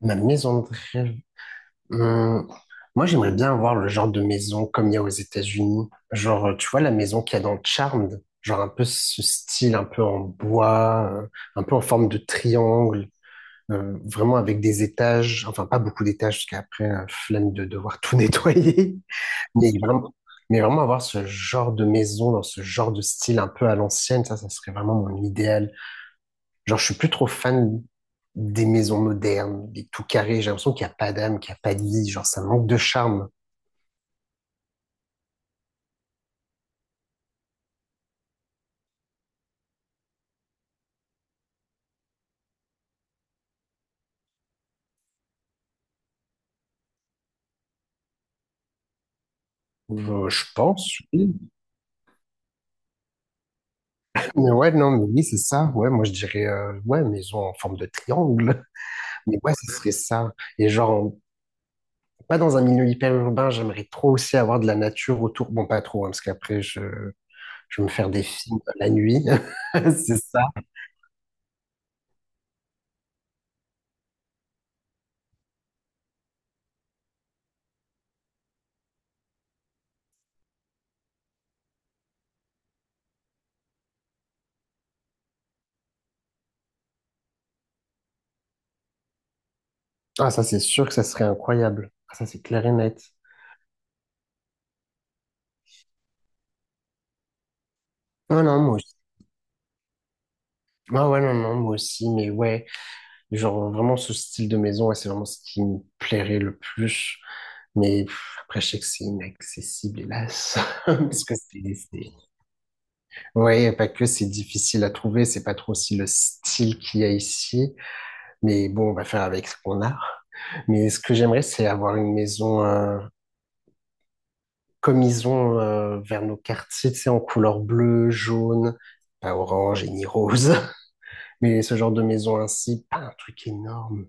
Ma maison de rêve. hum, Moi, j'aimerais bien avoir le genre de maison comme il y a aux États-Unis. Genre, tu vois, la maison qu'il y a dans Charmed. Genre, un peu ce style, un peu en bois, un peu en forme de triangle. Vraiment avec des étages. Enfin, pas beaucoup d'étages, parce qu'après, flemme de devoir tout nettoyer. Mais vraiment, mais vraiment avoir ce genre de maison dans ce genre de style un peu à l'ancienne, ça serait vraiment mon idéal. Genre, je suis plus trop fan des maisons modernes, des tout carrés. J'ai l'impression qu'il n'y a pas d'âme, qu'il n'y a pas de vie. Genre, ça manque de charme. Je pense, oui. Mais ouais, non, mais oui, c'est ça. Ouais, moi, je dirais, ouais, maison en forme de triangle. Mais ouais, ce serait ça. Et genre, pas dans un milieu hyper urbain, j'aimerais trop aussi avoir de la nature autour. Bon, pas trop, hein, parce qu'après, je vais me faire des films la nuit. C'est ça. Ah, ça, c'est sûr que ça serait incroyable. Ah, ça, c'est clair et net. Non, non, moi aussi. Ah, ouais, non, non, moi aussi, mais ouais. Genre, vraiment, ce style de maison, ouais, c'est vraiment ce qui me plairait le plus. Mais pff, après, je sais que c'est inaccessible, hélas. Parce que Ouais, pas que, c'est difficile à trouver. C'est pas trop aussi le style qu'il y a ici. Mais bon, on va faire avec ce qu'on a. Mais ce que j'aimerais, c'est avoir une maison comme ils ont vers nos quartiers, tu sais, en couleur bleue, jaune, pas orange et ni rose. Mais ce genre de maison ainsi, pas un truc énorme.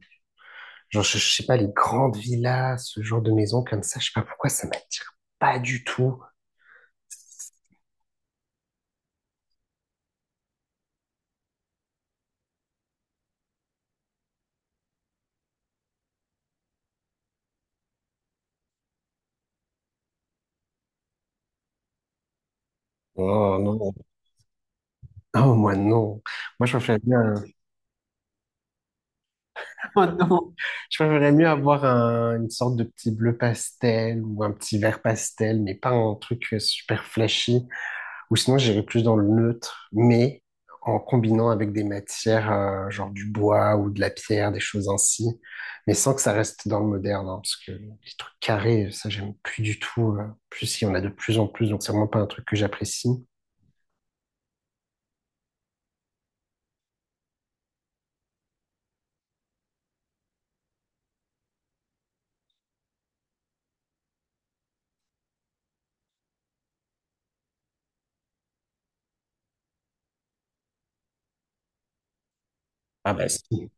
Genre, je sais pas, les grandes villas, ce genre de maison comme ça, je sais pas pourquoi ça m'attire pas du tout. Oh non. Oh, moi non. Moi, je préfère bien. Oh non. Je préférerais mieux avoir une sorte de petit bleu pastel ou un petit vert pastel, mais pas un truc super flashy. Ou sinon, j'irais plus dans le neutre, mais en combinant avec des matières, genre du bois ou de la pierre, des choses ainsi, mais sans que ça reste dans le moderne, hein, parce que les trucs carrés, ça, j'aime plus du tout. Plus, il y en a de plus en plus, donc c'est vraiment pas un truc que j'apprécie. Ah bah si.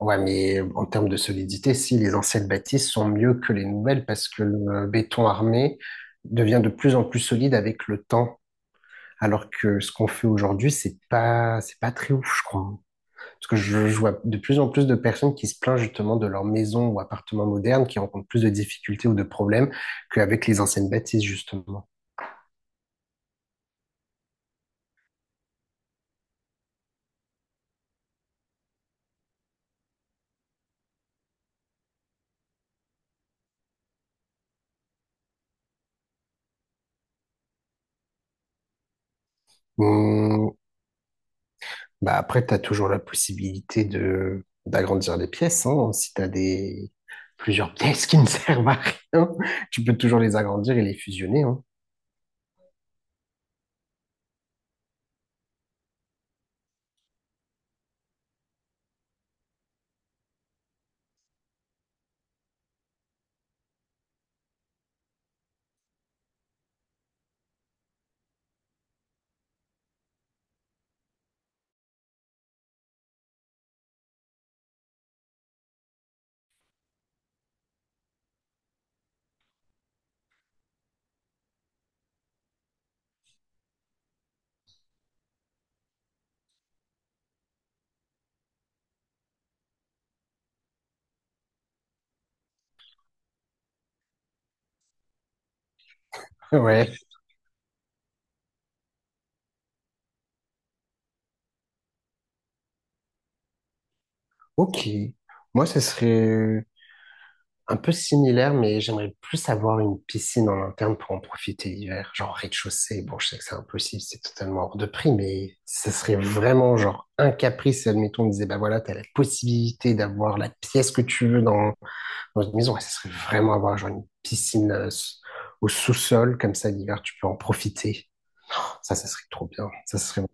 Ouais, mais en termes de solidité, si les anciennes bâtisses sont mieux que les nouvelles parce que le béton armé devient de plus en plus solide avec le temps. Alors que ce qu'on fait aujourd'hui, c'est pas très ouf, je crois. Parce que je vois de plus en plus de personnes qui se plaignent justement de leur maison ou appartement moderne, qui rencontrent plus de difficultés ou de problèmes qu'avec les anciennes bâtisses, justement. Hum, Bah après, tu as toujours la possibilité de d'agrandir les pièces, hein. Si tu as des plusieurs pièces qui ne servent à rien, tu peux toujours les agrandir et les fusionner, hein. Ouais. Ok. Moi, ce serait un peu similaire, mais j'aimerais plus avoir une piscine en interne pour en profiter l'hiver, genre rez-de-chaussée. Bon, je sais que c'est impossible, c'est totalement hors de prix, mais ce serait vraiment genre un caprice. Si, admettons, on disait, bah voilà, t'as la possibilité d'avoir la pièce que tu veux dans une maison, ouais, ça serait vraiment avoir genre une piscine au sous-sol, comme ça l'hiver, tu peux en profiter. Ça serait trop bien. Ça serait.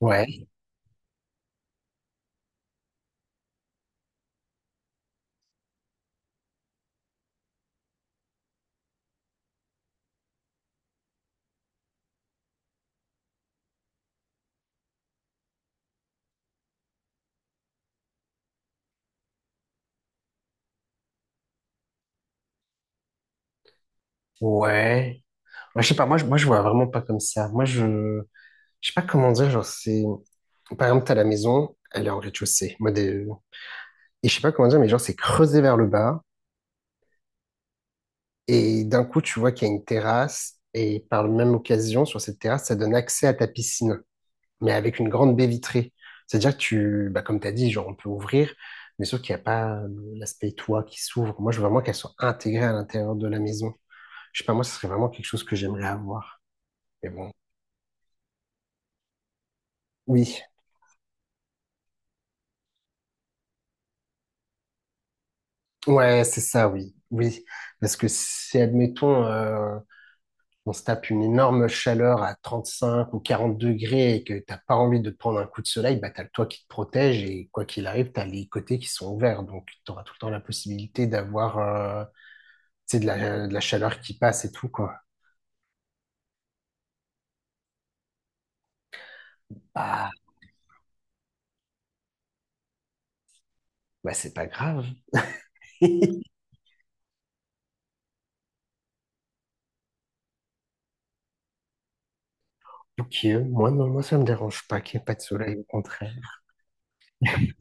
Ouais, ouais. Moi, je sais pas, moi, je vois vraiment pas comme ça. Moi, je. Je sais pas comment dire, genre, c'est. Par exemple, t'as la maison, elle est en rez-de-chaussée. Et je sais pas comment dire, mais genre, c'est creusé vers le bas. Et d'un coup, tu vois qu'il y a une terrasse. Et par la même occasion, sur cette terrasse, ça donne accès à ta piscine, mais avec une grande baie vitrée. C'est-à-dire que comme tu as dit, genre, on peut ouvrir, mais sauf qu'il n'y a pas l'aspect toit qui s'ouvre. Moi, je veux vraiment qu'elle soit intégrée à l'intérieur de la maison. Je sais pas, moi, ce serait vraiment quelque chose que j'aimerais avoir. Mais bon, oui. Ouais, c'est ça, oui. Oui. Parce que si, admettons, on se tape une énorme chaleur à 35 ou 40 degrés et que t'as pas envie de te prendre un coup de soleil, bah, t'as le toit qui te protège et quoi qu'il arrive, t'as les côtés qui sont ouverts. Donc, t'auras tout le temps la possibilité d'avoir, c'est de la, de la chaleur qui passe et tout, quoi. Ah, bah c'est pas grave. Ok, moi, non, moi ça me dérange pas qu'il n'y ait pas de soleil, au contraire.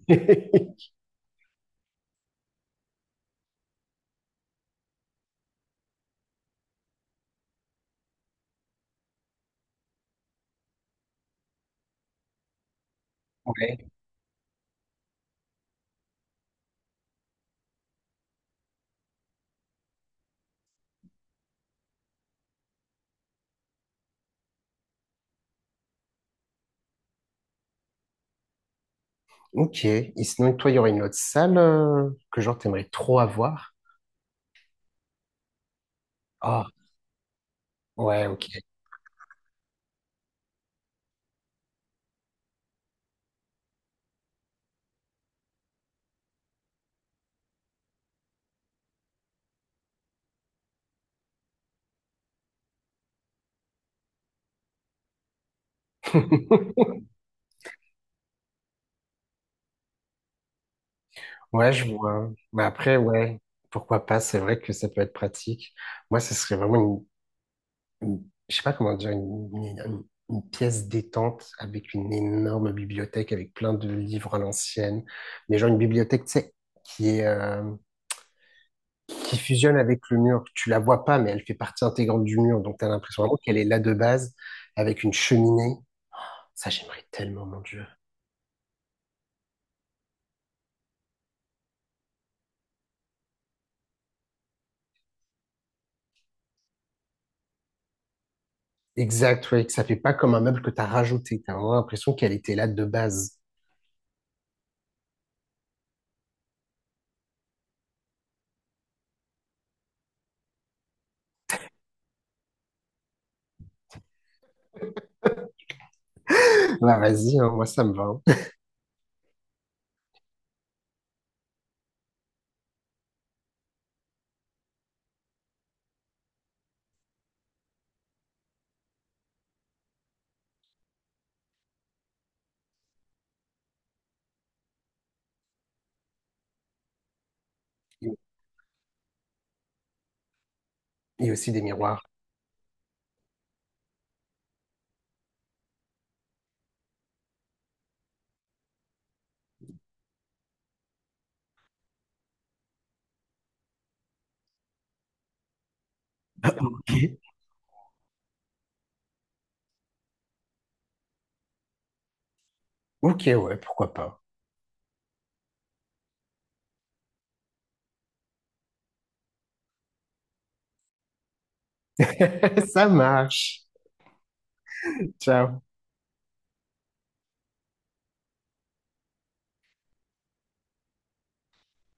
Ouais. Ok, et sinon, toi, il y aurait une autre salle que genre t'aimerais trop avoir? Ah, ouais, ok. Ouais, je vois. Mais après, ouais, pourquoi pas, c'est vrai que ça peut être pratique. Moi, ce serait vraiment une- je sais pas comment dire, une pièce détente avec une énorme bibliothèque, avec plein de livres à l'ancienne, mais genre une bibliothèque, tu sais, qui est, qui fusionne avec le mur. Tu la vois pas, mais elle fait partie intégrante du mur, donc tu as l'impression vraiment qu'elle est là de base, avec une cheminée. Ça, j'aimerais tellement, mon Dieu. Exact, ouais, que ça fait pas comme un meuble que tu as rajouté. Tu as vraiment l'impression qu'elle était là de base. Bah, vas-y, hein, moi, ça me va, hein. Et aussi des miroirs. Ok. Ok, ouais, pourquoi pas. Ça marche. Ciao.